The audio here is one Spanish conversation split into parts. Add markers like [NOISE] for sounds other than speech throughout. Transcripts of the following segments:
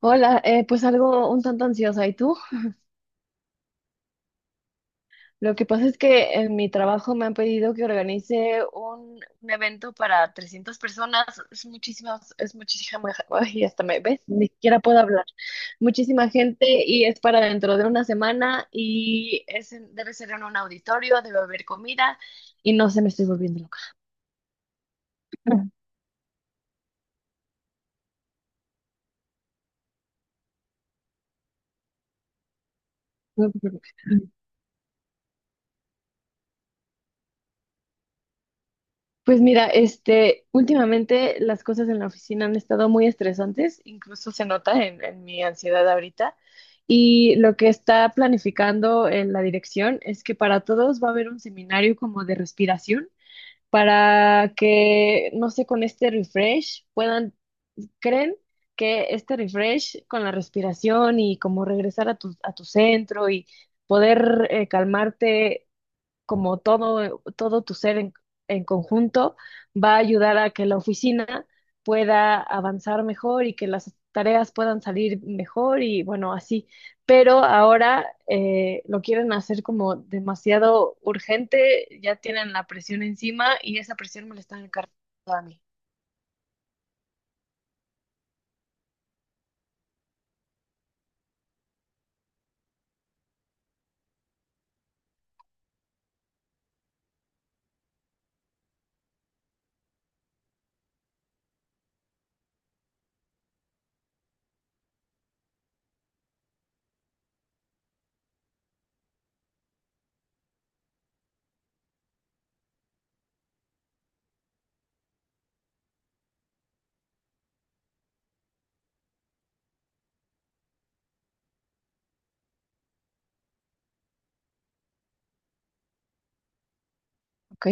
Hola, pues algo un tanto ansiosa. ¿Y tú? Lo que pasa es que en mi trabajo me han pedido que organice un evento para 300 personas. Es muchísimas, es muchísima, [LAUGHS] ay, hasta me ves, ni siquiera puedo hablar. Muchísima gente y es para dentro de una semana y es, debe ser en un auditorio, debe haber comida y no se me estoy volviendo loca. [LAUGHS] No, no, no. Pues mira, este, últimamente las cosas en la oficina han estado muy estresantes, incluso se nota en mi ansiedad ahorita. Y lo que está planificando en la dirección es que para todos va a haber un seminario como de respiración para que, no sé, con este refresh puedan, creen que este refresh con la respiración y como regresar a a tu centro y poder calmarte como todo tu ser en conjunto, va a ayudar a que la oficina pueda avanzar mejor y que las tareas puedan salir mejor y bueno, así. Pero ahora lo quieren hacer como demasiado urgente, ya tienen la presión encima y esa presión me la están encargando a mí, ¿ok?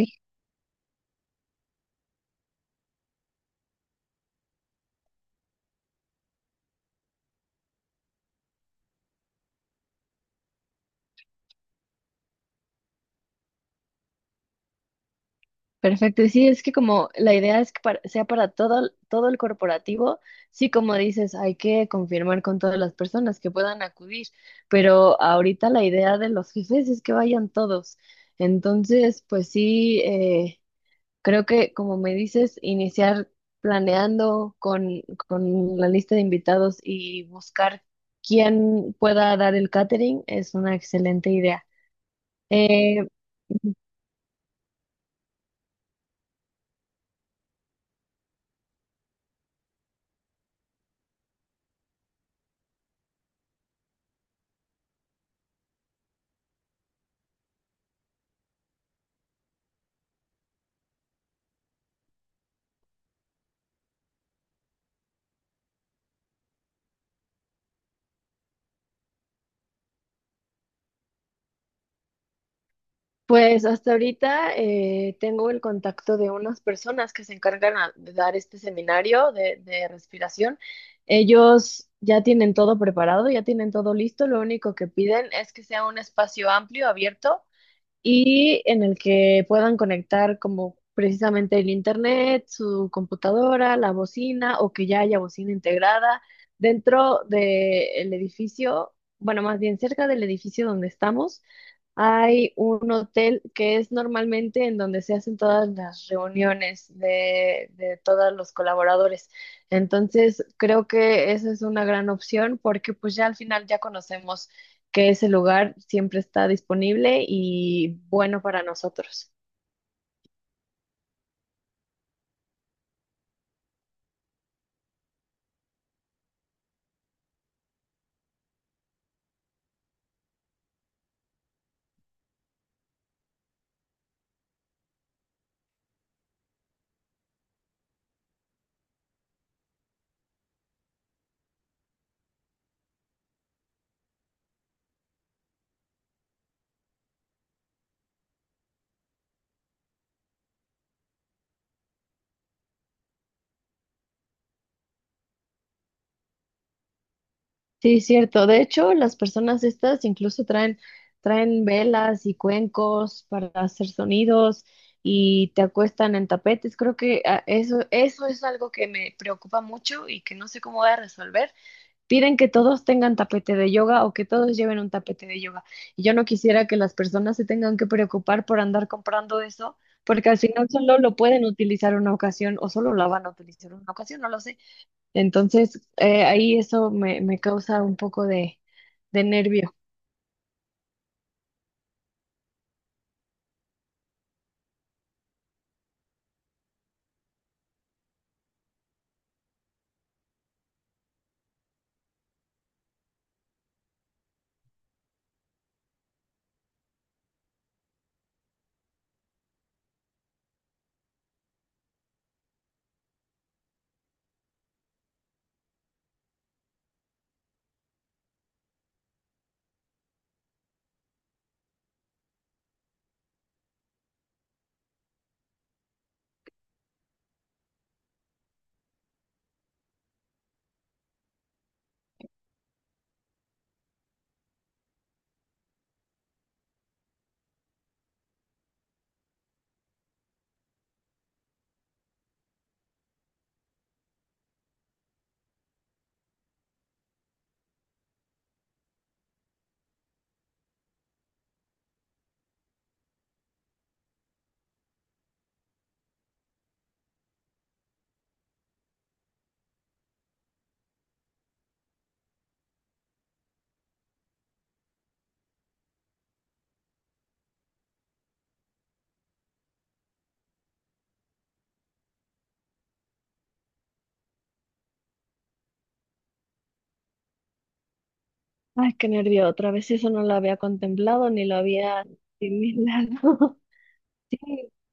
Perfecto, y sí, es que como la idea es que sea para todo, todo el corporativo, sí, como dices, hay que confirmar con todas las personas que puedan acudir, pero ahorita la idea de los jefes es que vayan todos. Entonces, pues sí, creo que como me dices, iniciar planeando con la lista de invitados y buscar quién pueda dar el catering es una excelente idea. Eh, Pues hasta ahorita tengo el contacto de unas personas que se encargan de dar este seminario de respiración. Ellos ya tienen todo preparado, ya tienen todo listo. Lo único que piden es que sea un espacio amplio, abierto y en el que puedan conectar como precisamente el internet, su computadora, la bocina o que ya haya bocina integrada dentro del edificio, bueno, más bien cerca del edificio donde estamos. Hay un hotel que es normalmente en donde se hacen todas las reuniones de todos los colaboradores. Entonces, creo que esa es una gran opción porque pues ya al final ya conocemos que ese lugar siempre está disponible y bueno para nosotros. Sí, cierto. De hecho, las personas estas incluso traen, traen velas y cuencos para hacer sonidos y te acuestan en tapetes. Creo que ah, eso es algo que me preocupa mucho y que no sé cómo voy a resolver. Piden que todos tengan tapete de yoga o que todos lleven un tapete de yoga. Y yo no quisiera que las personas se tengan que preocupar por andar comprando eso, porque al final solo lo pueden utilizar una ocasión o solo la van a utilizar una ocasión, no lo sé. Entonces, ahí eso me causa un poco de nervio. Ay, qué nervio. Otra vez eso no lo había contemplado ni lo había asimilado. [LAUGHS] Sí,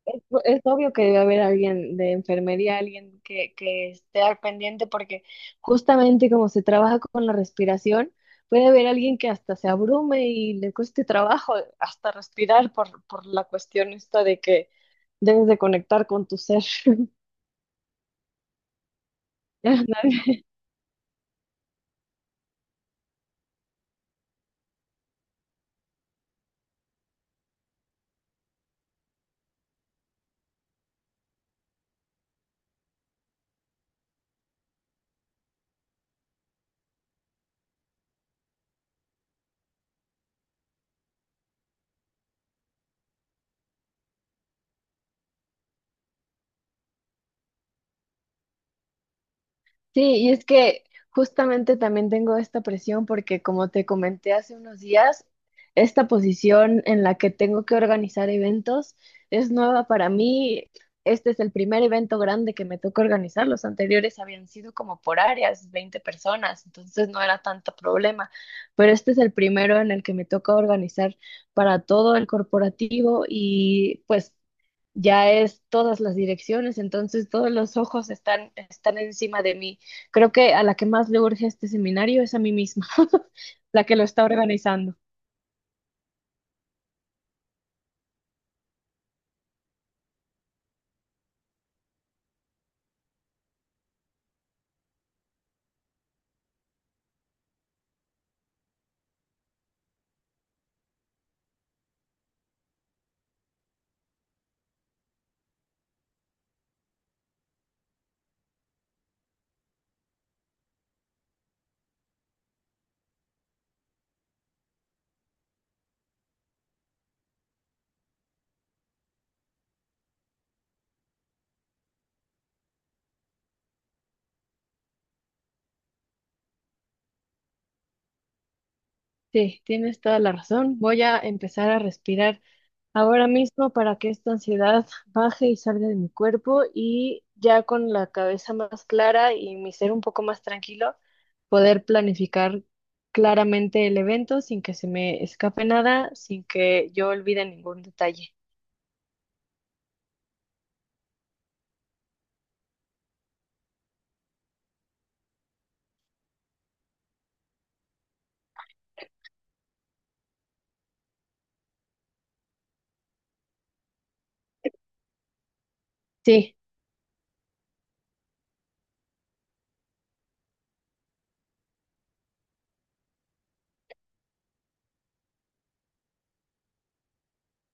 es obvio que debe haber alguien de enfermería, alguien que esté al pendiente, porque justamente como se trabaja con la respiración, puede haber alguien que hasta se abrume y le cueste trabajo hasta respirar por la cuestión esta de que debes de conectar con tu ser. [LAUGHS] [LAUGHS] Sí, y es que justamente también tengo esta presión porque como te comenté hace unos días, esta posición en la que tengo que organizar eventos es nueva para mí. Este es el primer evento grande que me toca organizar. Los anteriores habían sido como por áreas, 20 personas, entonces no era tanto problema. Pero este es el primero en el que me toca organizar para todo el corporativo y pues ya es todas las direcciones, entonces todos los ojos están, están encima de mí. Creo que a la que más le urge este seminario es a mí misma, [LAUGHS] la que lo está organizando. Sí, tienes toda la razón. Voy a empezar a respirar ahora mismo para que esta ansiedad baje y salga de mi cuerpo y ya con la cabeza más clara y mi ser un poco más tranquilo, poder planificar claramente el evento sin que se me escape nada, sin que yo olvide ningún detalle. Sí,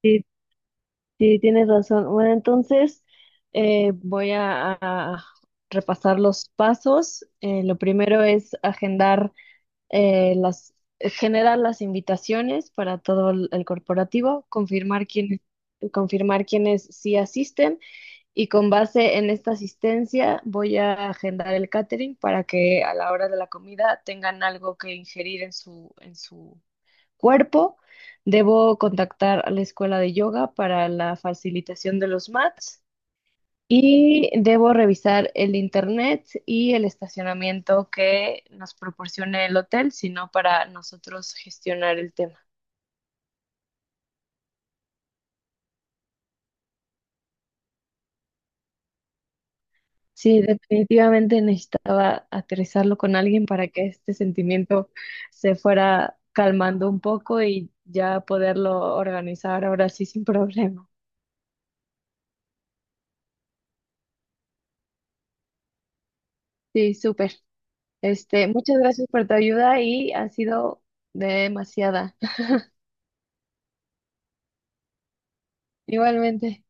sí, Sí, tienes razón. Bueno, entonces voy a repasar los pasos. Lo primero es agendar eh, las, generar las invitaciones para todo el corporativo, confirmar quiénes sí asisten y con base en esta asistencia voy a agendar el catering para que a la hora de la comida tengan algo que ingerir en en su cuerpo. Debo contactar a la escuela de yoga para la facilitación de los mats y debo revisar el internet y el estacionamiento que nos proporcione el hotel, sino para nosotros gestionar el tema. Sí, definitivamente necesitaba aterrizarlo con alguien para que este sentimiento se fuera calmando un poco y ya poderlo organizar ahora sí sin problema. Sí, súper. Este, muchas gracias por tu ayuda y ha sido demasiada. [LAUGHS] Igualmente.